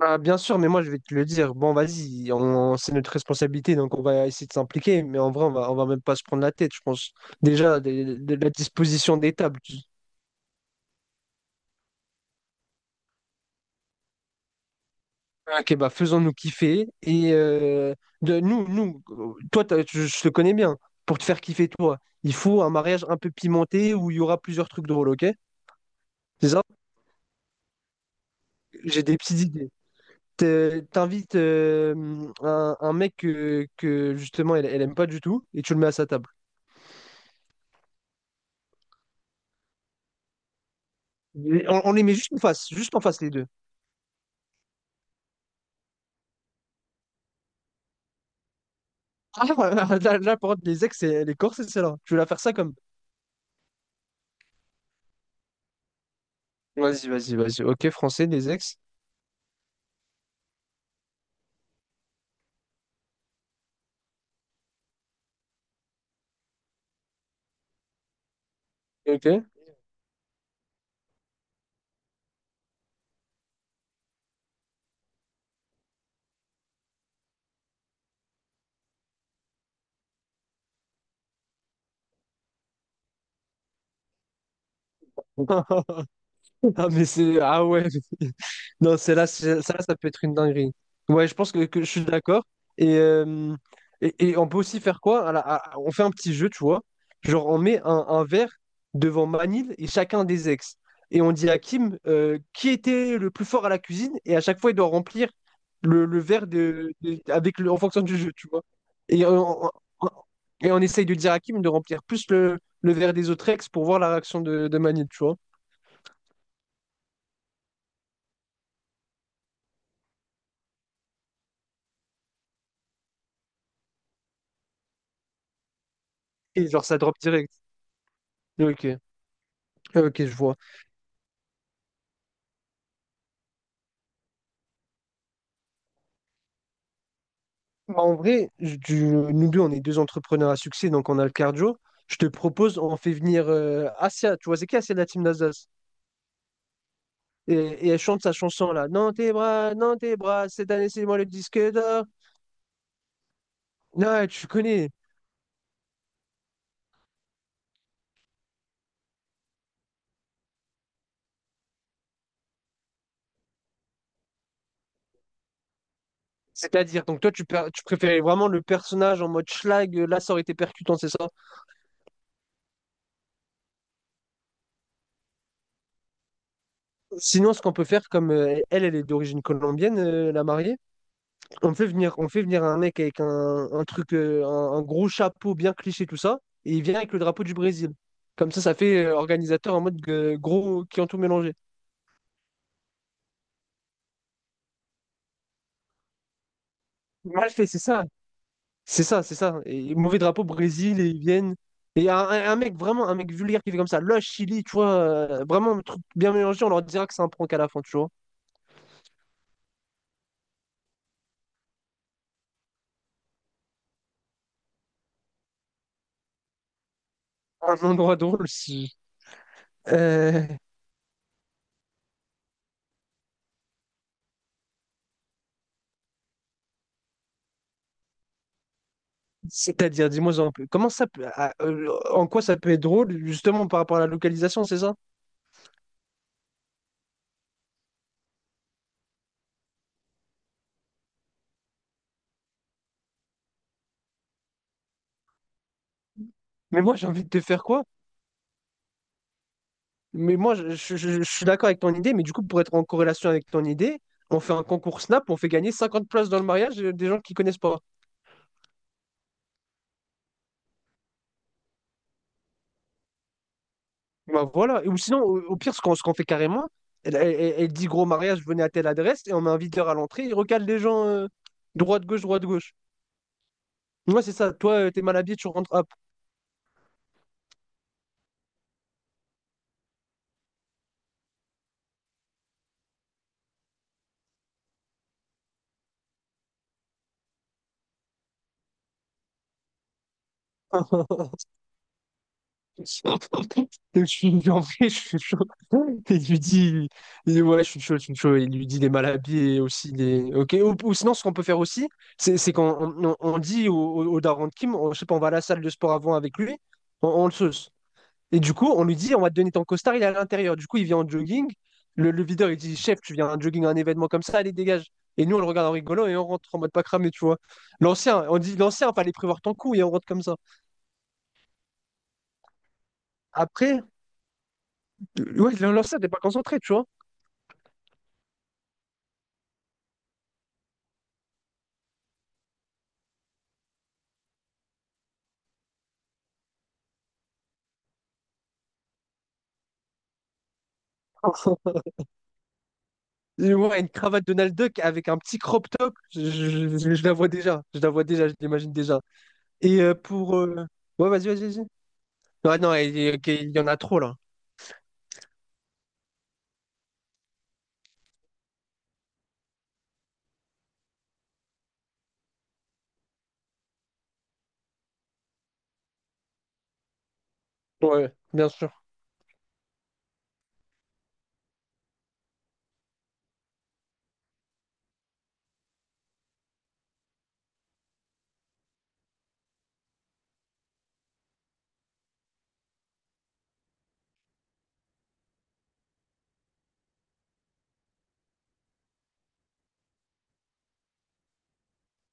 Ah, bien sûr, mais moi je vais te le dire. Bon, vas-y, c'est notre responsabilité, donc on va essayer de s'impliquer. Mais en vrai, on va même pas se prendre la tête, je pense. Déjà, de la disposition des tables. Ok, bah faisons-nous kiffer. Et de, nous, nous, toi, t'as- je te connais bien. Pour te faire kiffer, toi, il faut un mariage un peu pimenté où il y aura plusieurs trucs drôles, ok? C'est ça? J'ai des petites idées. T'invites un mec justement elle aime pas du tout et tu le mets à sa table. Mais on les met juste en face les deux. Ah, voilà, là, là, par contre, les ex et les corses, c'est celle-là. Tu veux la faire ça comme. Vas-y, vas-y, vas-y. Ok, français, les ex. Ok. Ah, mais c'est. Ah ouais. Non, celle-là, ça peut être une dinguerie. Ouais, je pense que je suis d'accord. Et, euh, et on peut aussi faire quoi? Voilà, on fait un petit jeu, tu vois. Genre, on met un verre devant Manil et chacun des ex. Et on dit à Kim qui était le plus fort à la cuisine. Et à chaque fois, il doit remplir le verre en fonction du jeu, tu vois. Et on, on- on- et on essaye de dire à Kim de remplir plus le verre des autres ex pour voir la réaction de Manil, tu vois. Et genre, ça drop direct. Ok, ok, je vois. Bah, en vrai, nous deux, on est deux entrepreneurs à succès, donc on a le cardio. Je te propose, on fait venir Asia. Tu vois, c'est qui Asia de la team d'Alsace? Et elle chante sa chanson là. Non, tes bras, non, tes bras, cette année, c'est moi le disque d'or. Non, ouais, tu connais. C'est-à-dire, donc toi, tu préférais vraiment le personnage en mode schlag, là, ça aurait été percutant, c'est ça? Sinon, ce qu'on peut faire, comme elle est d'origine colombienne, la mariée. On fait venir un mec avec un truc, un gros chapeau bien cliché, tout ça, et il vient avec le drapeau du Brésil. Comme ça fait organisateur en mode gros qui ont tout mélangé. Mal fait, c'est ça. C'est ça, c'est ça. Et mauvais drapeau Brésil, et ils viennent. Et un mec, vraiment, un mec vulgaire qui fait comme ça. Là, Chili, tu vois, vraiment un truc bien mélangé, on leur dira que c'est un prank à la fin, tu vois. Un endroit drôle, si. Euh, C'est-à-dire, dis-moi un peu, comment ça peut, ah, en quoi ça peut être drôle, justement, par rapport à la localisation, c'est ça? Mais moi, j'ai envie de te faire quoi? Mais moi, je suis d'accord avec ton idée, mais du coup, pour être en corrélation avec ton idée, on fait un concours Snap, on fait gagner 50 places dans le mariage des gens qui connaissent pas. Bah, voilà. Et ou sinon, au pire, ce qu'on fait carrément, elle dit gros mariage, venez à telle adresse, et on met un videur à l'entrée, il recale les gens droite-gauche, droite-gauche. Moi, c'est ça. Toi, t'es mal habillé, tu rentres. Hop. Je suis en vrai, je suis chaud. Et il dit, ouais, je suis chaud, je suis chaud. Il lui dit, il est mal habillé aussi. Il Ok. Ou sinon, ce qu'on peut faire aussi, c'est qu'on on dit au daron de Kim, je sais pas, on va à la salle de sport avant avec lui, on le sauce. Et du coup, on lui dit, on va te donner ton costard, il est à l'intérieur. Du coup, il vient en jogging. Le videur, il dit, chef, tu viens en jogging à un événement comme ça, allez, dégage. Et nous, on le regarde en rigolant et on rentre en mode pas cramé, tu vois. L'ancien, on dit, l'ancien, fallait prévoir ton coup et on rentre comme ça. Après, ouais, le lancer, t'es pas concentré, tu vois. Et ouais, une cravate Donald Duck avec un petit crop top, je la vois déjà. Je la vois déjà, je l'imagine déjà. Et euh, pour... euh, Ouais, vas-y, vas-y, vas-y. Ouais, non, il y ok, il y en a trop, là. Ouais, bien sûr.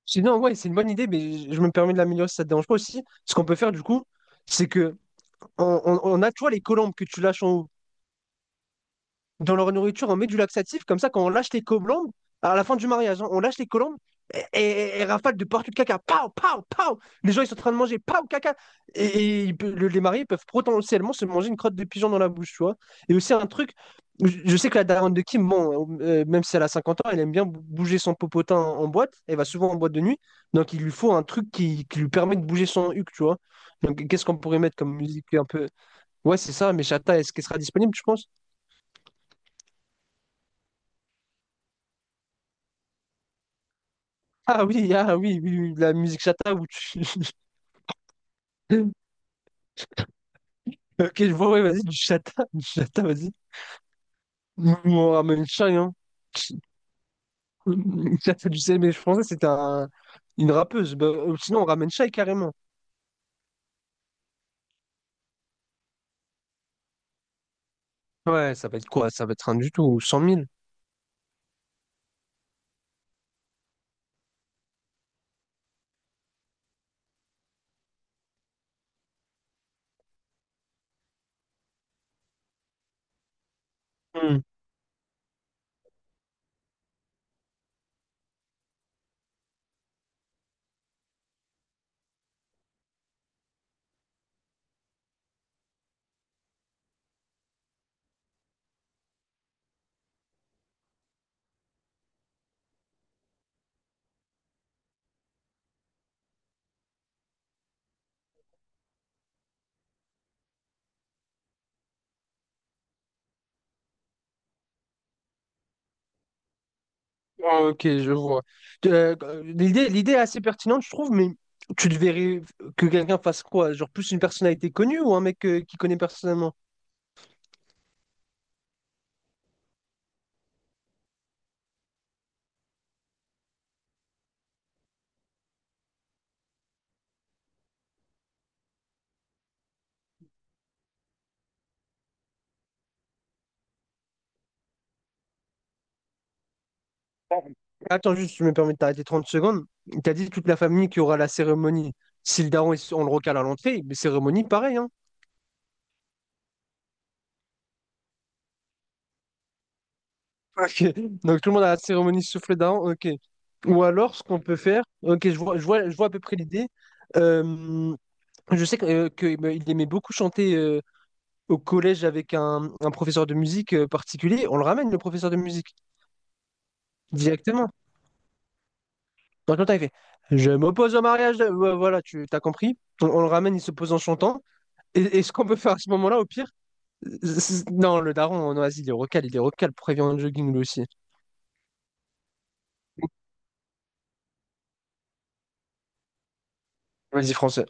Sinon, ouais, c'est une bonne idée, mais je me permets de l'améliorer si ça te dérange pas aussi. Ce qu'on peut faire, du coup, c'est que on a, tu vois, les colombes que tu lâches en haut. Dans leur nourriture, on met du laxatif, comme ça, quand on lâche les colombes, à la fin du mariage, hein, on lâche les colombes et rafale de partout de caca. Pow, pow, pow. Les gens, ils sont en train de manger. Pow, caca. Et les mariés peuvent potentiellement se manger une crotte de pigeon dans la bouche, tu vois. Et aussi, un truc, je sais que la daronne de Kim, bon, même si elle a 50 ans, elle aime bien bouger son popotin en boîte. Elle va souvent en boîte de nuit. Donc, il lui faut un truc qui lui permet de bouger son huc, tu vois. Donc, qu'est-ce qu'on pourrait mettre comme musique un peu. Ouais, c'est ça, mais Chata, est-ce qu'elle sera disponible, tu penses? Ah oui, ah oui, oui, oui, la musique chata où tu. Ok, je vois, ouais, vas-y, du chata, du chata, vas-y. Mouvement ramène chien hein. Ça fait du CM, mais je pensais que c'était une rappeuse. Bah, sinon, on ramène Shai carrément. Ouais, ça va être quoi? Ça va être rien du tout, 100 000. Hmm. Ah, ok, je vois. Euh, l'idée est assez pertinente, je trouve, mais tu te verrais que quelqu'un fasse quoi? Genre plus une personnalité connue ou un mec qui connaît personnellement? Attends, juste, je me permets de t'arrêter 30 secondes. T'as dit toute la famille qui aura la cérémonie. Si le daron, on le recale à l'entrée, mais cérémonie, pareil, hein. Ok. Donc tout le monde a la cérémonie souffle daron, ok. Ou alors, ce qu'on peut faire, ok, je vois, je vois, je vois à peu près l'idée. Euh, je sais il aimait beaucoup chanter au collège avec un professeur de musique particulier. On le ramène, le professeur de musique, directement. Dans le temps, il fait, Je m'oppose au mariage. Ouais, voilà, tu t'as compris. On le ramène, il se pose en chantant. Et ce qu'on peut faire à ce moment-là, au pire, non, le daron en oasis, il est recal, prévient le jogging lui aussi. Vas-y, français.